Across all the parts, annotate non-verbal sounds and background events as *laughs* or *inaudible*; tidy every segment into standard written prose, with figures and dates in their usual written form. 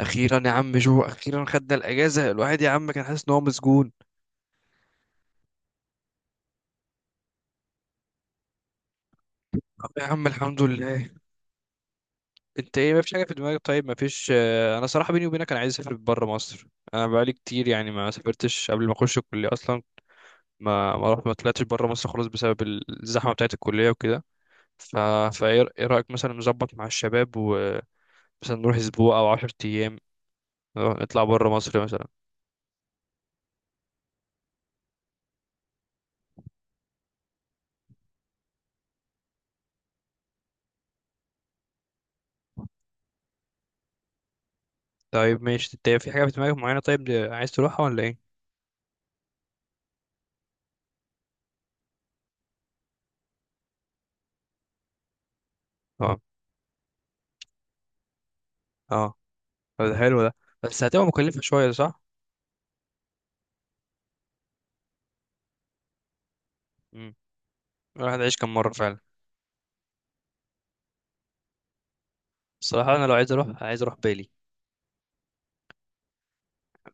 اخيرا يا عم جو اخيرا خدنا الاجازه، الواحد يا عم كان حاسس ان هو مسجون. طب يا عم الحمد لله. انت ايه؟ مفيش حاجه في دماغك؟ طيب مفيش. انا صراحه بيني وبينك انا عايز اسافر بره مصر. انا بقالي كتير يعني ما سافرتش قبل ما اخش الكليه اصلا. ما رحت ما طلعتش بره مصر خالص بسبب الزحمه بتاعه الكليه وكده. ف فايه، ايه رايك مثلا نظبط مع الشباب ومثلا نروح اسبوع او 10 ايام؟ نطلع بره مصر مثلا. طيب ماشي، انت في حاجه في دماغك معينه؟ طيب عايز تروحها ولا ايه؟ اه. اه. طب ده حلو ده. بس هتبقى مكلفة شوية صح؟ مم. الواحد عايش كم مرة فعلا؟ الصراحة أنا لو عايز أروح عايز أروح بالي.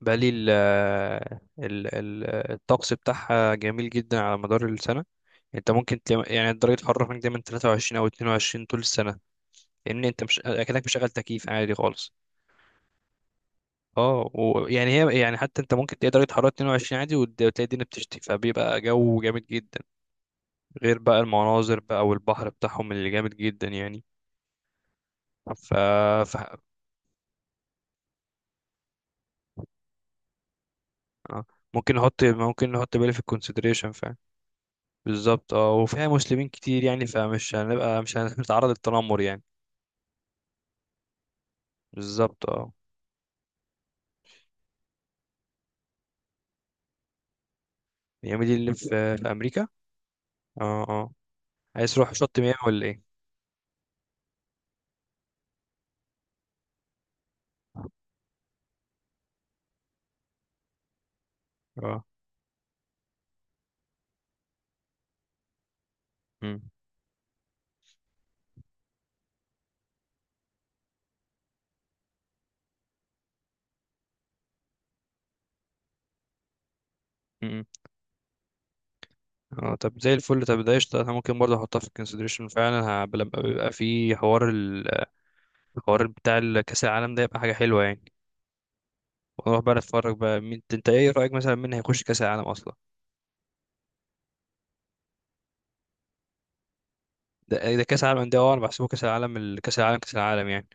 بالي، ال الطقس بتاعها جميل جدا على مدار السنة. أنت ممكن تلاقي يعني درجة الحرارة هناك دايما 23 أو 22 طول السنة. لأن أنت مش أكنك مشغل تكييف عادي خالص. اه، ويعني هي يعني حتى أنت ممكن تلاقي درجة حرارة 22 عادي وتلاقي الدنيا بتشتي فبيبقى جو جامد جدا. غير بقى المناظر بقى والبحر بتاعهم اللي جامد جدا يعني. ف... ف... اه، ممكن نحط ممكن نحط بالي في الكونسيدريشن فعلا. بالظبط اه، وفيها مسلمين كتير يعني فمش هنبقى مش هنتعرض للتنمر يعني. بالظبط اه. ميامي دي اللي في، في امريكا؟ اه اه. عايز تروح شط ميامي ولا ايه؟ اه. مم. مم. اه، طب زي الفل. طب ده قشطة، انا ممكن برضه احطها في الكونسيدريشن فعلا. لما بيبقى في حوار الحوار بتاع كاس العالم ده يبقى حاجة حلوة يعني. ونروح بقى نتفرج بقى. مين انت ايه رأيك مثلا مين هيخش كاس العالم اصلا؟ ده كاس العالم، ده اه انا بحسبه كاس العالم، كاس العالم كاس العالم يعني.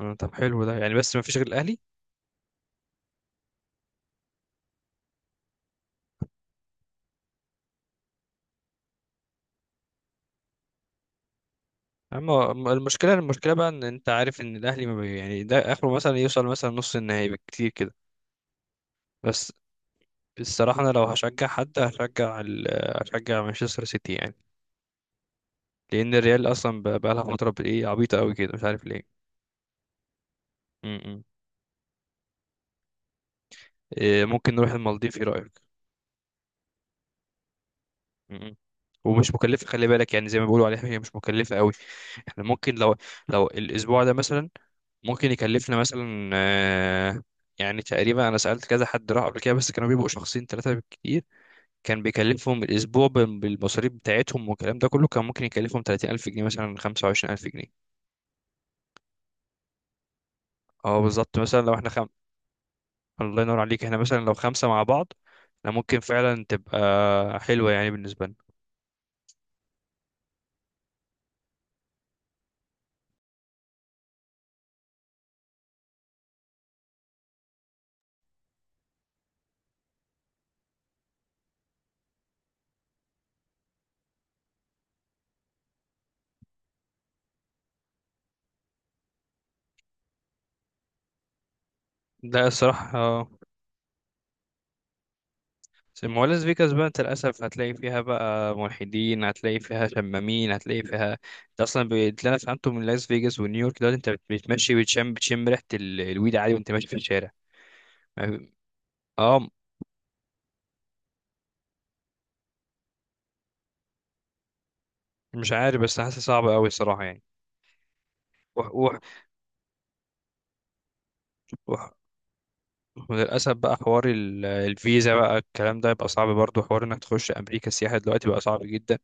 آه، طب حلو ده يعني، بس ما فيش غير الاهلي. أما المشكله بقى ان انت عارف ان الاهلي ما بي يعني ده اخره مثلا يوصل مثلا نص النهائي بالكتير كده. بس الصراحه انا لو هشجع حد هشجع مانشستر سيتي يعني. لان الريال اصلا بقى لها فتره بايه عبيطه قوي كده مش عارف ليه. م- م. إيه، ممكن نروح المالديف ايه رايك؟ م- م. ومش مكلفه خلي بالك، يعني زي ما بيقولوا عليها هي مش مكلفه قوي. احنا ممكن لو، لو الاسبوع ده مثلا، ممكن يكلفنا مثلا يعني تقريبا، انا سألت كذا حد راح قبل كده، بس كانوا بيبقوا شخصين ثلاثة بالكتير. كان بيكلفهم الأسبوع بالمصاريف بتاعتهم والكلام ده كله كان ممكن يكلفهم 30,000 جنيه مثلا 25,000 جنيه. اه بالظبط، مثلا لو الله ينور عليك. احنا مثلا لو خمسة مع بعض احنا ممكن فعلا تبقى حلوة يعني بالنسبة لنا. ده الصراحة. ما هو لاس فيجاس بقى انت للاسف هتلاقي فيها بقى ملحدين، هتلاقي فيها شمامين، هتلاقي فيها، انت اصلا اللي انا فهمته من لاس فيجاس ونيويورك دلوقتي، انت بتمشي بتشم ريحه الويد عادي وانت ماشي في الشارع. ما- اه. مش عارف، بس حاسس صعب قوي الصراحه يعني. وح وح وح وللاسف بقى حوار الفيزا بقى الكلام ده يبقى صعب برضه، حوار انك تخش امريكا السياحه دلوقتي بقى صعب جدا.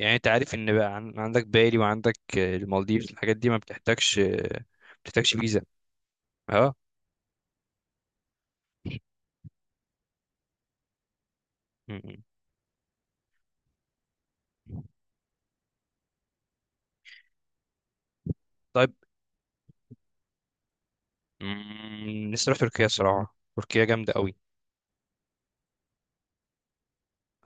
يعني انت عارف ان بقى عندك بالي وعندك المالديف، الحاجات دي ما بتحتاجش فيزا. اه. م- م. طيب. نفسي اروح تركيا صراحه، تركيا جامده قوي.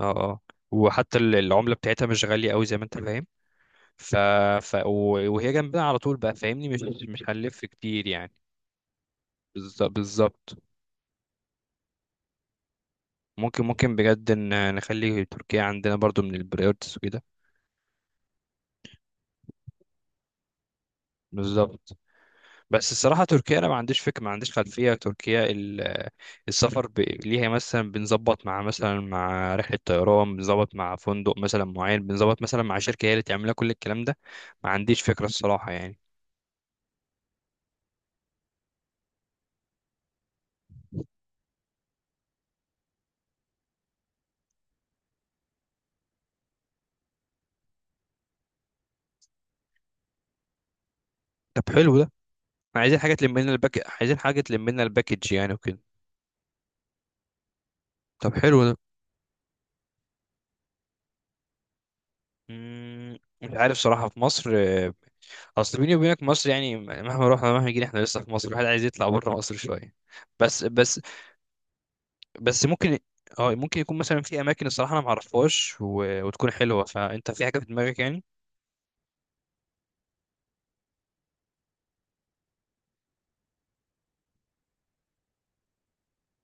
اه اه. وحتى العمله بتاعتها مش غاليه قوي زي ما انت فاهم. ف... وهي جنبنا على طول بقى فاهمني، مش هنلف كتير يعني. بالظبط. ممكن بجد ان نخلي تركيا عندنا برضو من البريورتس وكده. بالظبط. بس الصراحة تركيا أنا ما عنديش فكرة، ما عنديش خلفية تركيا. السفر ليها مثلا، بنظبط مع مثلا مع رحلة طيران، بنظبط مع فندق مثلا معين، بنظبط مثلا مع شركة هي اللي تعمل لنا كل الكلام ده. ما عنديش فكرة الصراحة يعني. طب حلو ده. احنا عايزين حاجة تلم لنا عايزين حاجة تلم لنا الباكج يعني وكده. طب حلو ده. مش عارف صراحة في مصر. أصل بيني وبينك مصر يعني مهما رحنا مهما جينا احنا لسه في مصر، الواحد عايز يطلع بره مصر شوية. بس بس بس ممكن، اه ممكن يكون مثلا في اماكن الصراحه انا معرفهاش وتكون حلوه، فانت في حاجه في دماغك يعني.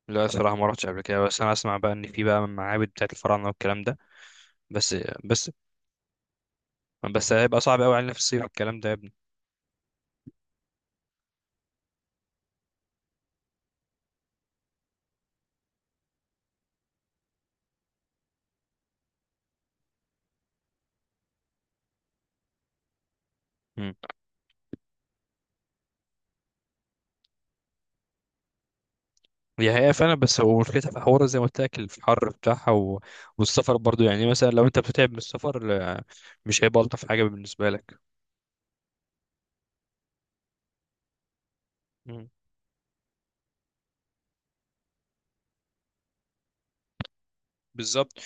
لا الصراحه ما رحتش قبل كده، بس انا اسمع بقى ان في بقى معابد بتاعت الفراعنه والكلام ده. بس بس بس هيبقى صعب قوي علينا في الصيف الكلام ده يا ابني. مم. هي فعلا، بس هو مشكلتها في حوار زي ما قلت لك الحر بتاعها والسفر برضو يعني، مثلا لو انت بتتعب من السفر مش هيبقى الطف حاجه بالنسبه لك. مم. بالظبط.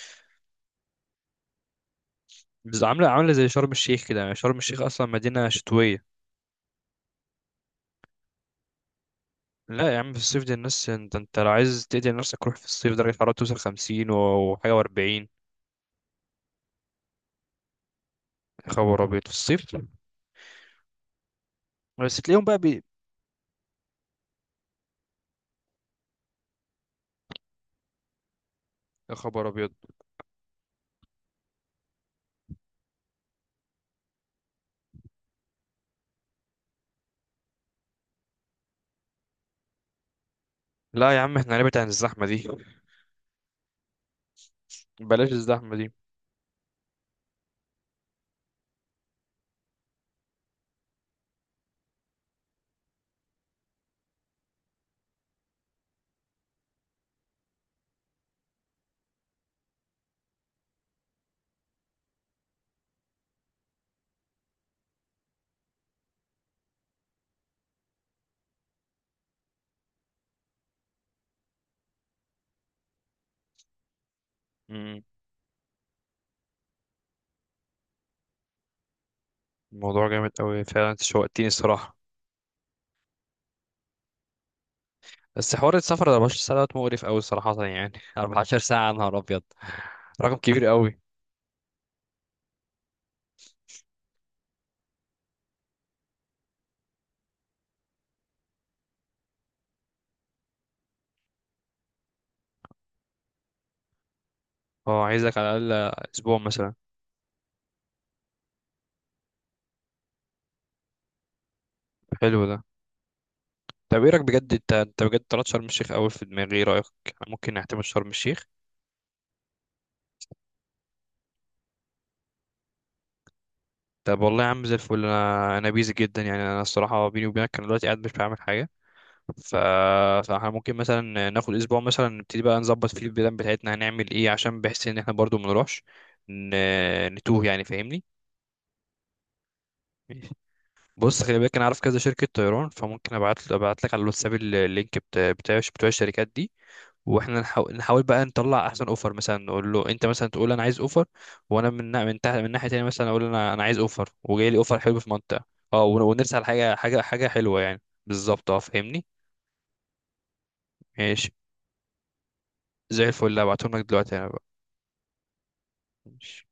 بس عامله زي شرم الشيخ كده يعني، شرم الشيخ اصلا مدينه شتويه. لا يا عم في الصيف دي الناس، انت لو عايز تقتل نفسك روح في الصيف، درجة الحرارة توصل خمسين وحاجة وأربعين. يا خبر أبيض في الصيف. بس تلاقيهم بقى يا خبر أبيض. لا يا عم احنا نبعد عن الزحمة دي. بلاش الزحمة دي. م- الموضوع جامد أوي فعلا، انت شوقتني الصراحة. بس حوار السفر 24 ساعة دوت مقرف أوي صراحة يعني *laughs* 14 ساعة يا نهار أبيض، رقم كبير أوي. اه، عايزك على الأقل أسبوع مثلا. حلو ده. طب ايه رأيك بجد؟ انت بجد طلعت شرم الشيخ أوي في دماغي، ايه رأيك؟ ممكن نعتمد شرم الشيخ؟ طب والله يا عم زي الفل، انا بيزي جدا يعني، انا الصراحه بيني وبينك انا دلوقتي قاعد مش بعمل حاجه. ف... فاحنا ممكن مثلا ناخد اسبوع مثلا نبتدي بقى نظبط فيه البلان بتاعتنا هنعمل ايه، عشان بحس ان احنا برضو منروحش، ن... نتوه يعني فاهمني. ماشي. بص خلي بالك انا عارف كذا شركه طيران، فممكن ابعت لك على الواتساب اللينك بتاع بتوع الشركات دي. واحنا نحاول بقى نطلع احسن اوفر، مثلا نقول له انت مثلا تقول انا عايز اوفر، وانا من من تحت من ناحيه تانية مثلا اقول انا عايز اوفر وجاي لي اوفر حلو في منطقه. اه ونرسل على حاجه حاجه حلوه يعني. بالظبط اه فاهمني. ماشي. زي الفل هبعتهم لك دلوقتي انا بقى. ماشي.